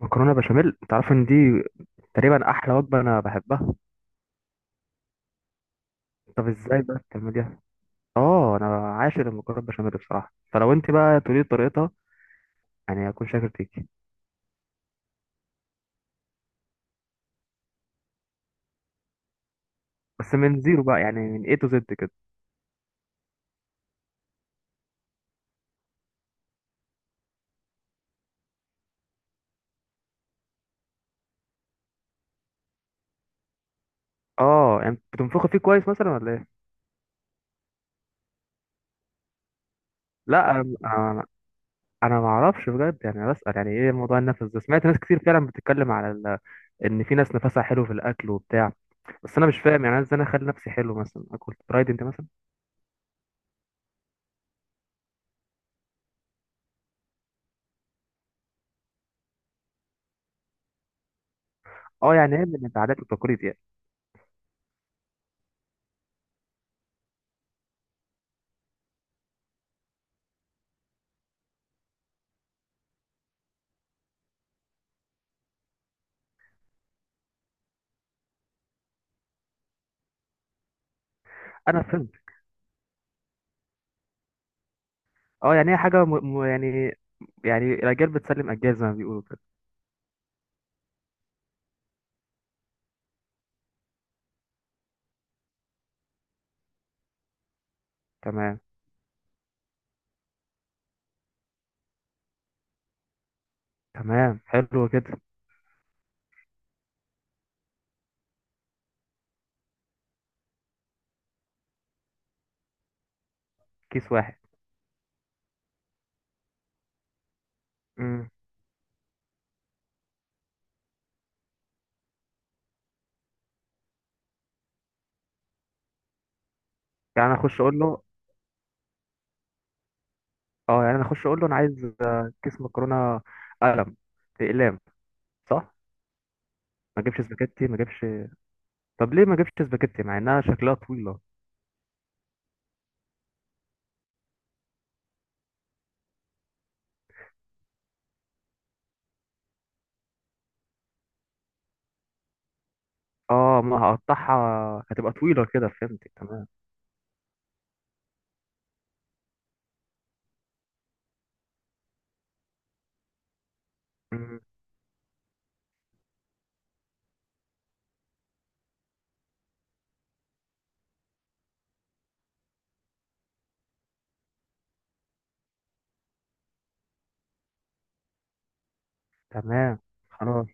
مكرونه بشاميل انت عارف ان دي تقريبا احلى وجبه انا بحبها. طب ازاي بقى بتعمليها؟ اه، انا عاشق المكرونه بشاميل بصراحه، فلو انت بقى تقولي لي طريقتها يعني هكون شاكر فيكي. بس من زيرو بقى، يعني من اي تو زد كده. اه يعني بتنفخي فيه كويس مثلا ولا ايه؟ لا، انا أنا ما اعرفش بجد، يعني انا بسال يعني ايه موضوع النفس ده. سمعت ناس كتير فعلا بتتكلم على ال... ان في ناس نفسها حلو في الاكل وبتاع. بس انا مش فاهم، يعني انا ازاي انا اخلي نفسي حلو مثلا اكل فرايد انت مثلا. اه يعني ايه، من العادات والتقاليد يعني. انا فهمت. اه يعني هي حاجة يعني، يعني الأجيال بتسلم أجيال زي ما بيقولوا كده. تمام، تمام حلو كده. كيس واحد. امم. يعني أنا أخش أقول له، اه يعني أنا أخش أقول له أنا عايز آه، كيس مكرونة قلم، بأقلام، صح؟ ما أجيبش سباكيتي، ما أجيبش. طب ليه ما أجيبش سباكيتي مع إنها شكلها طويلة؟ اه، ما هقطعها هتبقى طويلة كده، فهمت تمام. امم. تمام خلاص.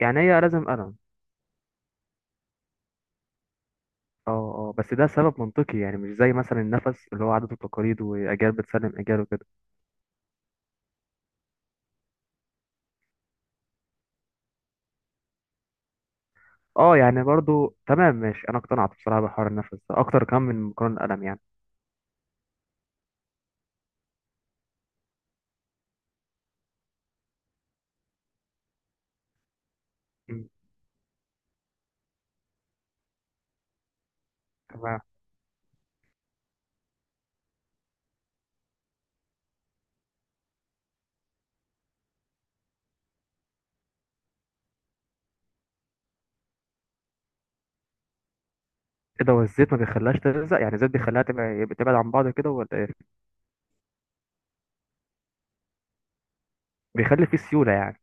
يعني هي لازم قلم؟ اه اه، بس ده سبب منطقي يعني، مش زي مثلا النفس اللي هو عادات وتقاليد وأجيال بتسلم أجيال وكده. اه يعني برضو تمام ماشي، انا اقتنعت بصراحه بحوار النفس ده اكتر كمان من مكرونه القلم يعني. مم. تمام. ايه ده؟ والزيت ما بيخليهاش تلزق، يعني الزيت بيخليها تبعد عن بعض كده ولا ايه؟ بيخلي فيه سيوله يعني.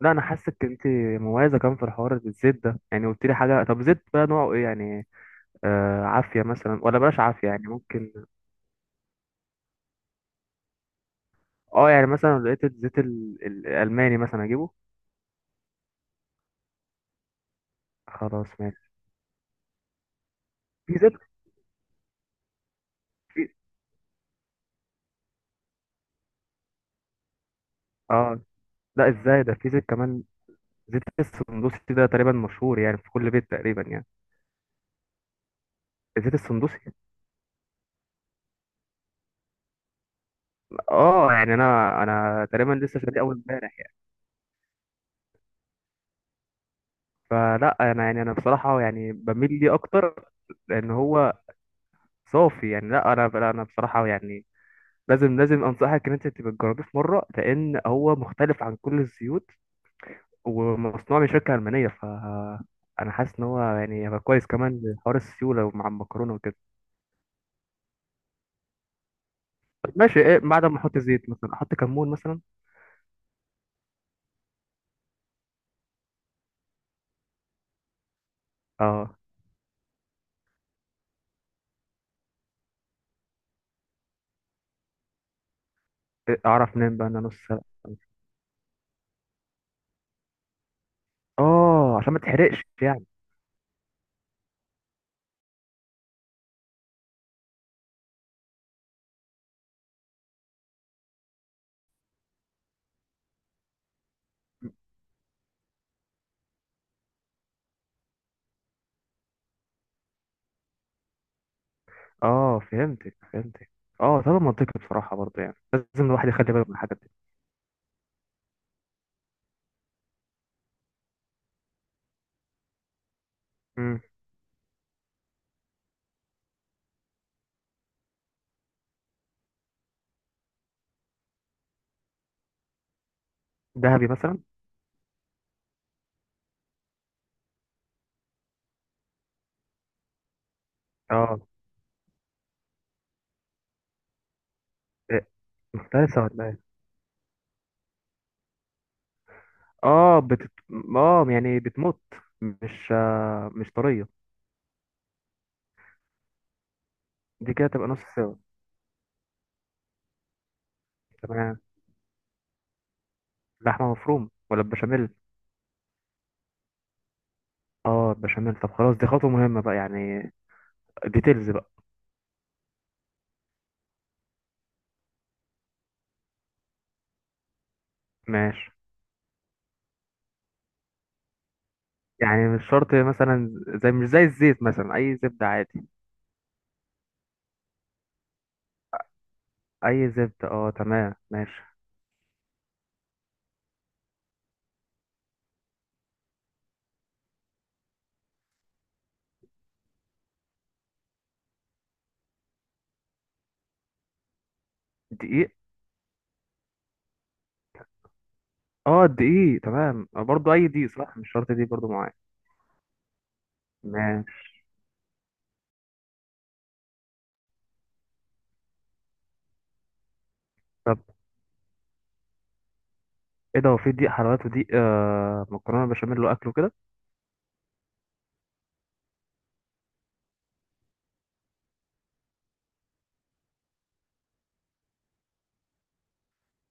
لا، انا حاسك انت مميزه كمان في حوار الزيت ده يعني، قلت لي حاجه. طب زيت بقى نوعه ايه يعني؟ آه، عافيه مثلا ولا بلاش عافيه يعني، ممكن. اه، يعني مثلا لو لقيت الزيت الالماني مثلا اجيبه. خلاص ماشي. في زيت. في. اه لا، ازاي ده؟ في زيت كمان، زيت السندوسي ده تقريبا مشهور يعني في كل بيت تقريبا يعني. زيت السندوسي. اه يعني، انا تقريبا لسه شاريه اول امبارح يعني. فلا انا يعني انا بصراحه يعني بميل ليه اكتر لان هو صافي يعني. لا انا بصراحه يعني، لازم انصحك ان انت تبقى تجربيه في مره، لان هو مختلف عن كل الزيوت ومصنوع من شركه المانيه. ف انا حاسس ان هو يعني هيبقى كويس كمان لحوار السيوله ومع المكرونه وكده. طب ماشي، ايه بعد ما احط زيت؟ مثلا احط كمون مثلا؟ اه. إيه، اعرف منين بقى ان انا نص سلق؟ اه، عشان ما تحرقش يعني. اه فهمتك، فهمتك. اه طبعا منطقي بصراحة برضه يعني، لازم الواحد يخلي باله من الحاجات دي. امم. دهبي مثلا. اه. إيه، مفترسة ولا ايه؟ اه اه يعني بتموت، مش آه مش طرية. دي كده تبقى نص سوا. تمام. لحمة مفرومة ولا بشاميل؟ اه بشاميل. طب خلاص دي خطوة مهمة بقى يعني، ديتيلز بقى. ماشي. يعني مش شرط مثلا، زي مش زي الزيت مثلا، اي زبدة عادي؟ اي زبدة، اه تمام ماشي. دقيق. اه دقيق تمام، آه، برضو اي دقيق صح؟ مش شرط دقيق برضو معايا. ماشي. طب ايه ده، هو في دقيق حلويات ودقيق آه مكرونه بشاميل واكله كده؟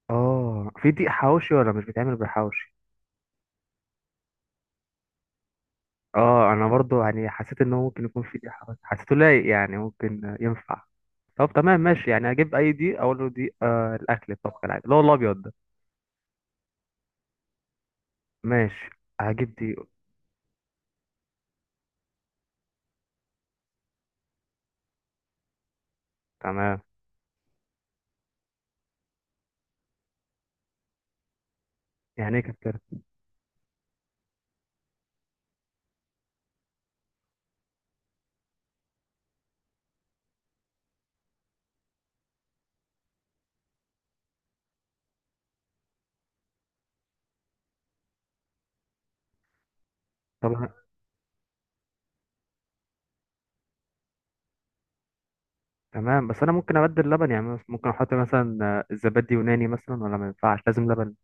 اه في دقيق حواوشي ولا مش بيتعمل بالحواوشي؟ اه انا برضو يعني حسيت ان هو ممكن يكون في دقيق حواوشي، حسيته لايق يعني ممكن ينفع. طب تمام ماشي، يعني هجيب اي دقيق، اقول له دقيق آه الاكل الطبخ العادي اللي هو الابيض ده. ماشي، هجيب دقيق. تمام. يعني ايه كتير؟ طب تمام، بس انا ممكن ابدل لبن؟ يعني ممكن احط مثلا آه، الزبادي يوناني مثلا ولا ما ينفعش لازم لبن؟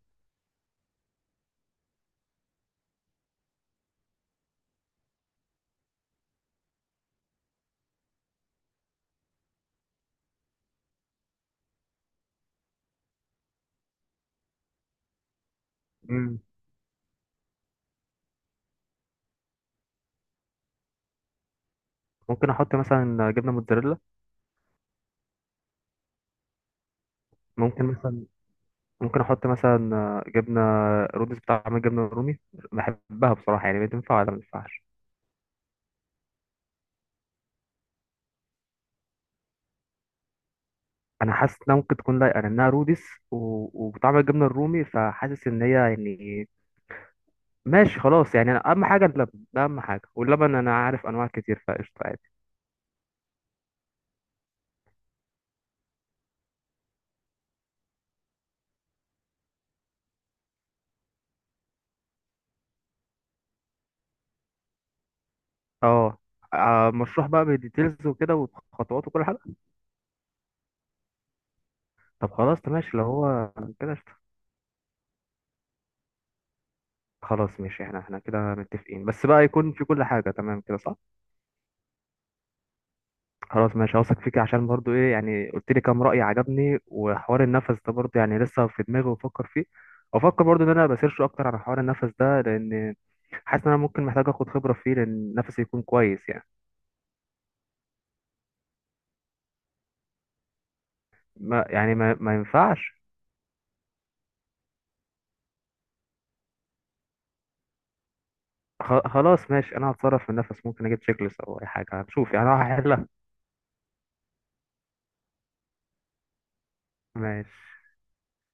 مم. ممكن احط مثلا جبنه موتزاريلا؟ ممكن مثلا، ممكن احط مثلا جبنه رودس بطعم الجبنه الرومي، بحبها بصراحه يعني، بتنفع ولا ما تنفعش؟ انا حاسس انها ممكن تكون لايقه لانها رودس وبطعم الجبنه الرومي، فحاسس ان هي يعني. ماشي خلاص، يعني أنا اهم حاجه اللبن ده، اهم حاجه، واللبن انا عارف انواع كتير فقشطه عادي. اه. آه، مشروح بقى بالديتيلز وكده وخطوات وكل حاجه؟ طب خلاص ماشي لو هو كده قشطة. خلاص ماشي، احنا كده متفقين، بس بقى يكون في كل حاجه تمام كده، صح؟ خلاص ماشي، هوثق فيك عشان برضو ايه يعني، قلت لي كام رأي عجبني، وحوار النفس ده برضو يعني لسه في دماغي وبفكر فيه، وافكر برضو ان انا بسيرش اكتر على حوار النفس ده، لان حاسس ان انا ممكن محتاج اخد خبرة فيه لان نفسي يكون كويس يعني. ما يعني ما ينفعش. خلاص ماشي، انا هتصرف في النفس، ممكن اجيب تشيك ليست او اي حاجة، هنشوف يعني، أنا هحلها. ماشي.